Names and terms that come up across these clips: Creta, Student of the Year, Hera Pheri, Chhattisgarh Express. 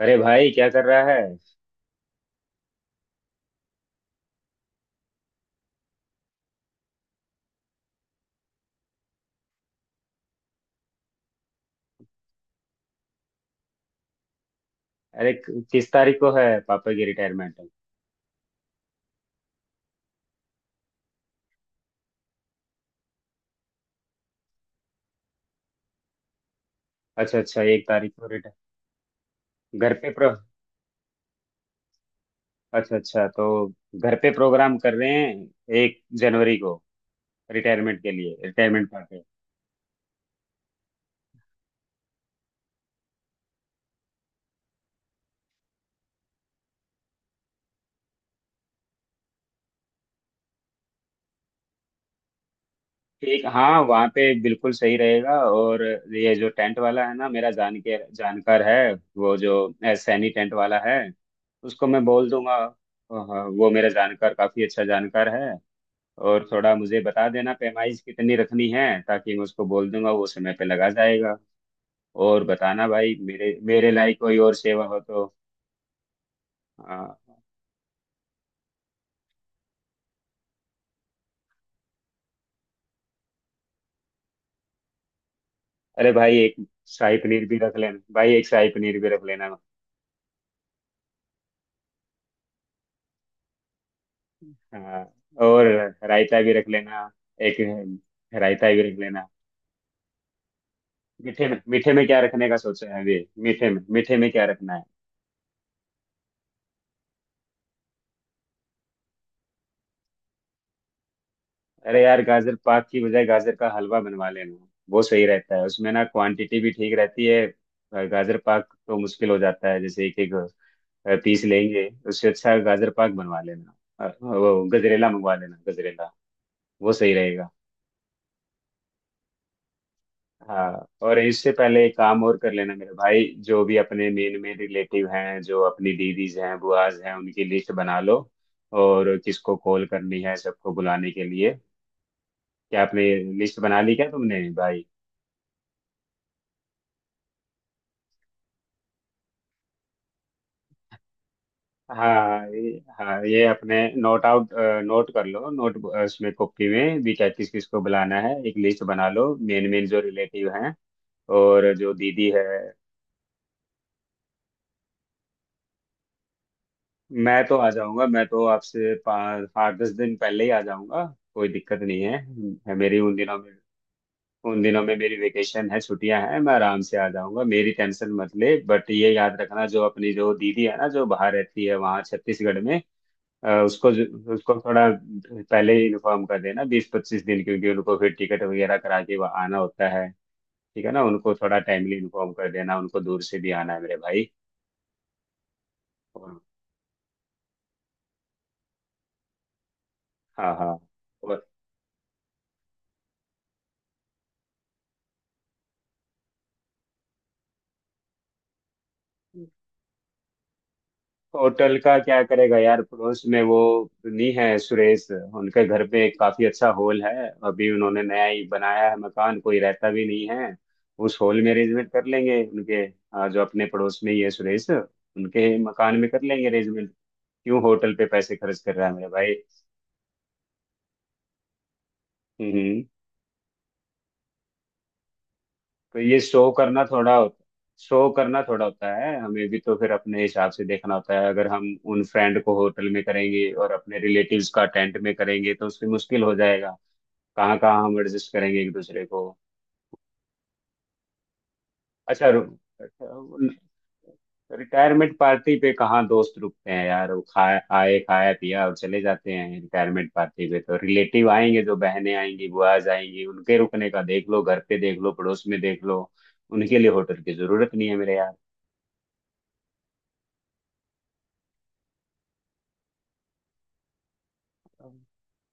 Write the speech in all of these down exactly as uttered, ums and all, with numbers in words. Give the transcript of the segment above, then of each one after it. अरे भाई क्या कर रहा है। अरे क- किस तारीख को है पापा की रिटायरमेंट। अच्छा अच्छा, एक तारीख को रिटायर। घर पे प्रो अच्छा अच्छा, तो घर पे प्रोग्राम कर रहे हैं एक जनवरी को, रिटायरमेंट के लिए, रिटायरमेंट पार्टी। ठीक, हाँ वहाँ पे बिल्कुल सही रहेगा। और ये जो टेंट वाला है ना, मेरा जान के जानकार है, वो जो अ, सैनी टेंट वाला है, उसको मैं बोल दूंगा। हाँ, हाँ, वो मेरा जानकार, काफी अच्छा जानकार है। और थोड़ा मुझे बता देना पैमाइश कितनी रखनी है, ताकि मैं उसको बोल दूंगा, वो समय पे लगा जाएगा। और बताना भाई, मेरे मेरे लायक कोई और सेवा हो तो। हाँ। अरे भाई एक शाही पनीर भी रख लेना भाई, एक शाही पनीर भी रख लेना। हाँ। और रायता भी रख लेना, एक रायता भी रख लेना। मीठे में, मीठे में क्या रखने का सोचा है? अभी मीठे में, मीठे में क्या रखना है? अरे यार, गाजर पाक की बजाय गाजर का हलवा बनवा लेना, वो सही रहता है, उसमें ना क्वांटिटी भी ठीक रहती है। अ, गाजर पाक तो मुश्किल हो जाता है, जैसे एक एक अ, पीस लेंगे, उससे अच्छा गाजर पाक बनवा लेना। अ, वो गजरेला मंगवा लेना, गजरेला वो सही रहेगा। हाँ, और इससे पहले एक काम और कर लेना मेरे भाई। जो भी अपने मेन मेन रिलेटिव हैं, जो अपनी दीदीज हैं, बुआज हैं, उनकी लिस्ट बना लो, और किसको कॉल करनी है सबको बुलाने के लिए। क्या आपने लिस्ट बना ली? क्या तुमने भाई? हाँ ये- हाँ ये अपने, नोट आउट नोट कर लो, नोट। उसमें कॉपी में भी क्या किस किस को बुलाना है, एक लिस्ट बना लो, मेन मेन जो रिलेटिव हैं। और जो दीदी है। मैं तो आ जाऊंगा, मैं तो आपसे पाँच आठ दस दिन पहले ही आ जाऊंगा। कोई दिक्कत नहीं है मेरी उन दिनों में, उन दिनों में मेरी वेकेशन है, छुट्टियां हैं, मैं आराम से आ जाऊंगा, मेरी टेंशन मत ले। बट ये याद रखना, जो अपनी जो दीदी है ना, जो बाहर रहती है वहाँ छत्तीसगढ़ में, अ, उसको जो- उसको थोड़ा पहले ही इन्फॉर्म कर देना, बीस पच्चीस दिन, क्योंकि उनको फिर टिकट वगैरह करा के वहाँ आना होता है। ठीक है ना, उनको थोड़ा टाइमली इन्फॉर्म कर देना, उनको दूर से भी आना है मेरे भाई। और, हाँ हाँ। और होटल का क्या करेगा यार, पड़ोस में वो नहीं है सुरेश, उनके घर पे एक काफी अच्छा हॉल है, अभी उन्होंने नया ही बनाया है मकान, कोई रहता भी नहीं है, उस हॉल में अरेंजमेंट कर लेंगे उनके। हाँ, जो अपने पड़ोस में ही है सुरेश, उनके मकान में कर लेंगे अरेंजमेंट। क्यों होटल पे पैसे खर्च कर रहा है मेरा भाई? हम्म। तो ये शो करना थोड़ा होता शो करना थोड़ा होता है हमें भी, तो फिर अपने हिसाब से देखना होता है, अगर हम उन फ्रेंड को होटल में करेंगे और अपने रिलेटिव्स का टेंट में करेंगे तो उसमें मुश्किल हो जाएगा, कहाँ कहाँ हम एडजस्ट करेंगे एक दूसरे को। अच्छा। रिटायरमेंट पार्टी पे कहाँ दोस्त रुकते हैं यार, वो खाए आए, खाया पिया और चले जाते हैं। रिटायरमेंट पार्टी पे तो रिलेटिव आएंगे, जो बहनें आएंगी, बुआज आएंगी, उनके रुकने का देख लो, घर पे देख लो, पड़ोस में देख लो, उनके लिए होटल की जरूरत नहीं है मेरे यार।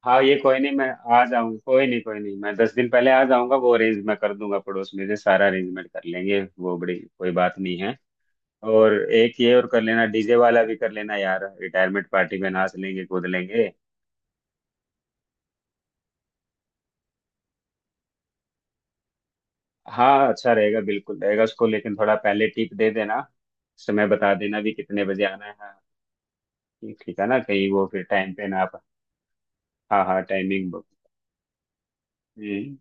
हाँ, ये कोई नहीं, मैं आ जाऊंगा, कोई नहीं, कोई नहीं, मैं दस दिन पहले आ जाऊंगा, वो अरेंज मैं कर दूंगा, पड़ोस में से सारा अरेंजमेंट कर लेंगे, वो बड़ी कोई बात नहीं है। और एक ये और कर लेना, डीजे वाला भी कर लेना यार, रिटायरमेंट पार्टी में नाच लेंगे, कूद लेंगे। हाँ, अच्छा रहेगा, बिल्कुल रहेगा, उसको लेकिन थोड़ा पहले टिप दे देना, समय बता देना भी कितने बजे आना है, हाँ। ठीक, ठीक है ना, कहीं वो फिर टाइम पे ना आप। हाँ हाँ, टाइमिंग। हम्म,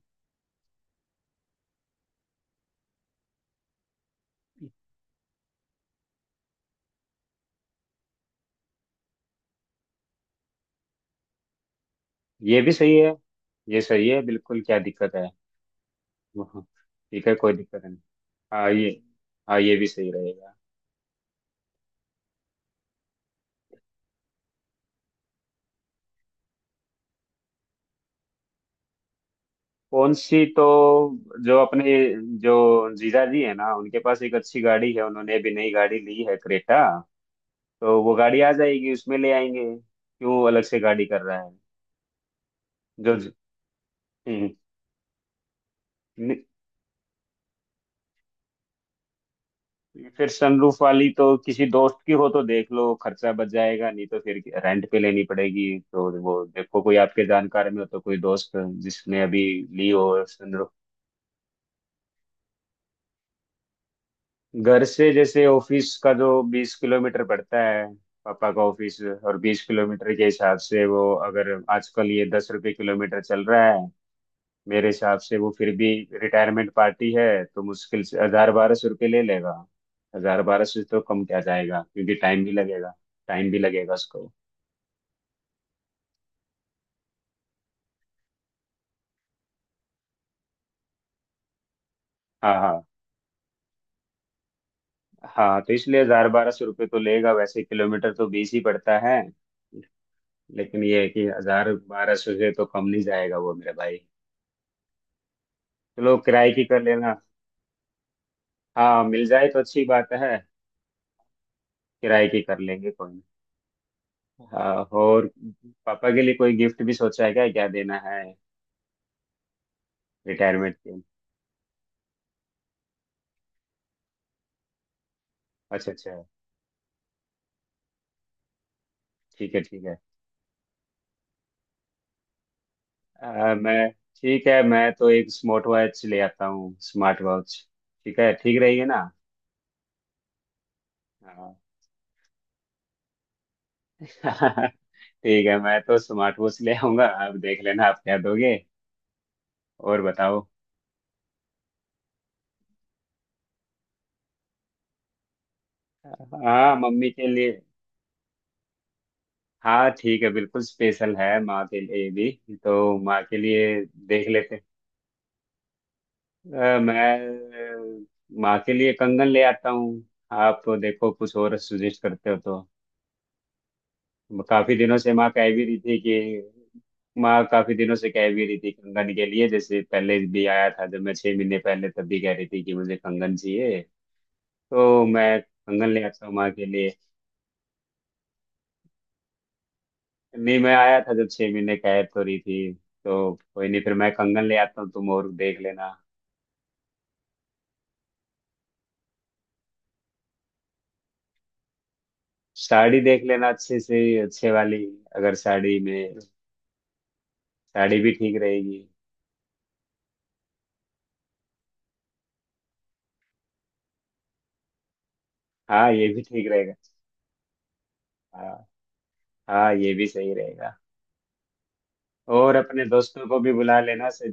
ये भी सही है, ये सही है बिल्कुल, क्या दिक्कत है, हाँ, ठीक है, कोई दिक्कत नहीं। हाँ ये, हाँ ये भी सही रहेगा। कौन सी, तो जो अपने, जो जीजा जी है ना, उनके पास एक अच्छी गाड़ी है, उन्होंने अभी नई गाड़ी ली है क्रेटा, तो वो गाड़ी आ जाएगी, उसमें ले आएंगे, क्यों अलग से गाड़ी कर रहा है? जो ज- हम्म, नि- फिर सनरूफ वाली तो किसी दोस्त की हो तो देख लो, खर्चा बच जाएगा, नहीं तो फिर रेंट पे लेनी पड़ेगी, तो वो देखो कोई आपके जानकार में हो, तो कोई दोस्त जिसने अभी ली हो सनरूफ। घर से जैसे ऑफिस का जो बीस किलोमीटर पड़ता है, पापा का ऑफिस, और बीस किलोमीटर के हिसाब से वो, अगर आजकल ये दस रुपये किलोमीटर चल रहा है, मेरे हिसाब से वो फिर भी रिटायरमेंट पार्टी है, तो मुश्किल से हजार बारह सौ रुपये ले लेगा। हजार बारह सौ तो कम क्या जाएगा, क्योंकि टाइम भी लगेगा, टाइम भी लगेगा उसको। हाँ हाँ, हाँ तो इसलिए हजार बारह सौ रुपये तो लेगा, वैसे किलोमीटर तो बीस ही पड़ता है, लेकिन ये है कि हजार बारह सौ से तो कम नहीं जाएगा वो मेरे भाई। चलो किराए की कर लेना, हाँ मिल जाए तो अच्छी बात है, किराए की कर लेंगे कोई नहीं। हाँ, और पापा के लिए कोई गिफ्ट भी सोचा है? क्या क्या देना है? रिटायरमेंट के। अच्छा अच्छा। ठीक है ठीक है। आ, मैं ठीक है, मैं तो एक स्मार्ट वॉच ले आता हूँ, स्मार्ट वॉच, ठीक है, ठीक रहेगी ना? हाँ। ठीक है मैं तो स्मार्ट वॉच ले आऊंगा, आप देख लेना आप क्या दोगे। और बताओ। हाँ मम्मी के लिए, हाँ ठीक है, बिल्कुल स्पेशल है माँ के लिए भी, तो माँ के लिए देख लेते हैं। अ, मैं अ, माँ के लिए कंगन ले आता हूँ, आप देखो कुछ और सुजेस्ट करते हो तो। काफी दिनों से माँ कह भी रही थी कि, माँ काफी दिनों से कह भी रही थी कंगन के लिए, जैसे पहले भी आया था जब मैं छह महीने पहले, तब भी कह रही थी कि मुझे कंगन चाहिए, तो मैं कंगन ले आता हूँ माँ के लिए। नहीं, मैं आया था जब छह महीने, कह तो रही थी, तो कोई नहीं, फिर मैं कंगन ले आता हूँ तुम और देख लेना। साड़ी देख लेना अच्छे से अच्छे वाली, अगर साड़ी में, साड़ी भी ठीक रहेगी। हाँ ये भी ठीक रहेगा। हाँ हाँ ये भी सही रहेगा। और अपने दोस्तों को भी बुला लेना, स-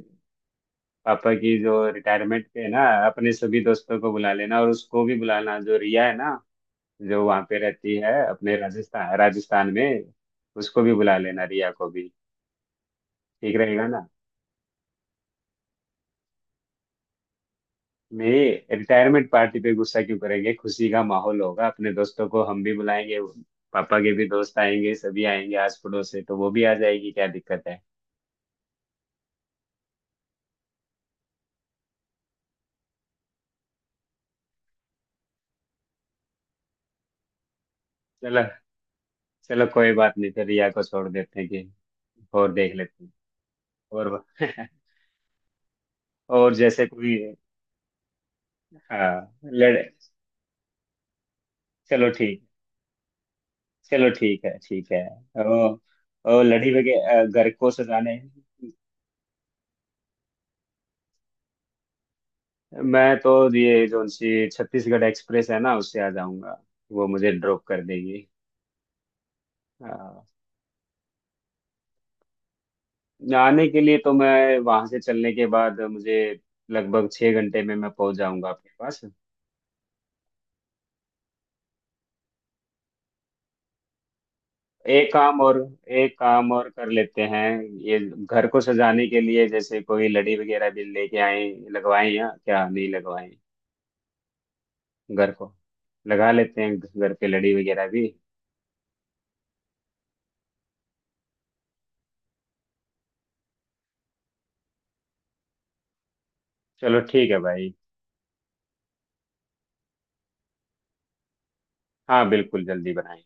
पापा की जो रिटायरमेंट पे है ना, अपने सभी दोस्तों को बुला लेना, और उसको भी बुलाना जो रिया है ना, जो वहाँ पे रहती है अपने राजस्थान राजस्थान में, उसको भी बुला लेना रिया को भी, ठीक रहेगा ना? मेरे रिटायरमेंट पार्टी पे गुस्सा क्यों करेंगे, खुशी का माहौल होगा, अपने दोस्तों को हम भी बुलाएंगे, पापा के भी दोस्त आएंगे, सभी आएंगे आस पड़ोस से, तो वो भी आ जाएगी, क्या दिक्कत है। चलो, चलो कोई बात नहीं, फिर रिया को छोड़ देते हैं कि, और देख लेते हैं। और और जैसे कोई, हाँ लड़ चलो ठीक, चलो ठीक है ठीक है। ओ, ओ लड़ी वगैरह घर को सजाने। मैं तो ये जो उनसी छत्तीसगढ़ एक्सप्रेस है ना उससे आ जाऊंगा, वो मुझे ड्रॉप कर देगी। हाँ, जाने के लिए तो मैं वहां से चलने के बाद मुझे लगभग छह घंटे में मैं पहुंच जाऊंगा आपके पास। एक काम और, एक काम और कर लेते हैं, ये घर को सजाने के लिए जैसे कोई लड़ी वगैरह भी लेके आए, लगवाएं या क्या नहीं लगवाएं, घर को लगा लेते हैं घर पे लड़ी वगैरह भी। चलो ठीक है भाई। हाँ बिल्कुल जल्दी बनाएं।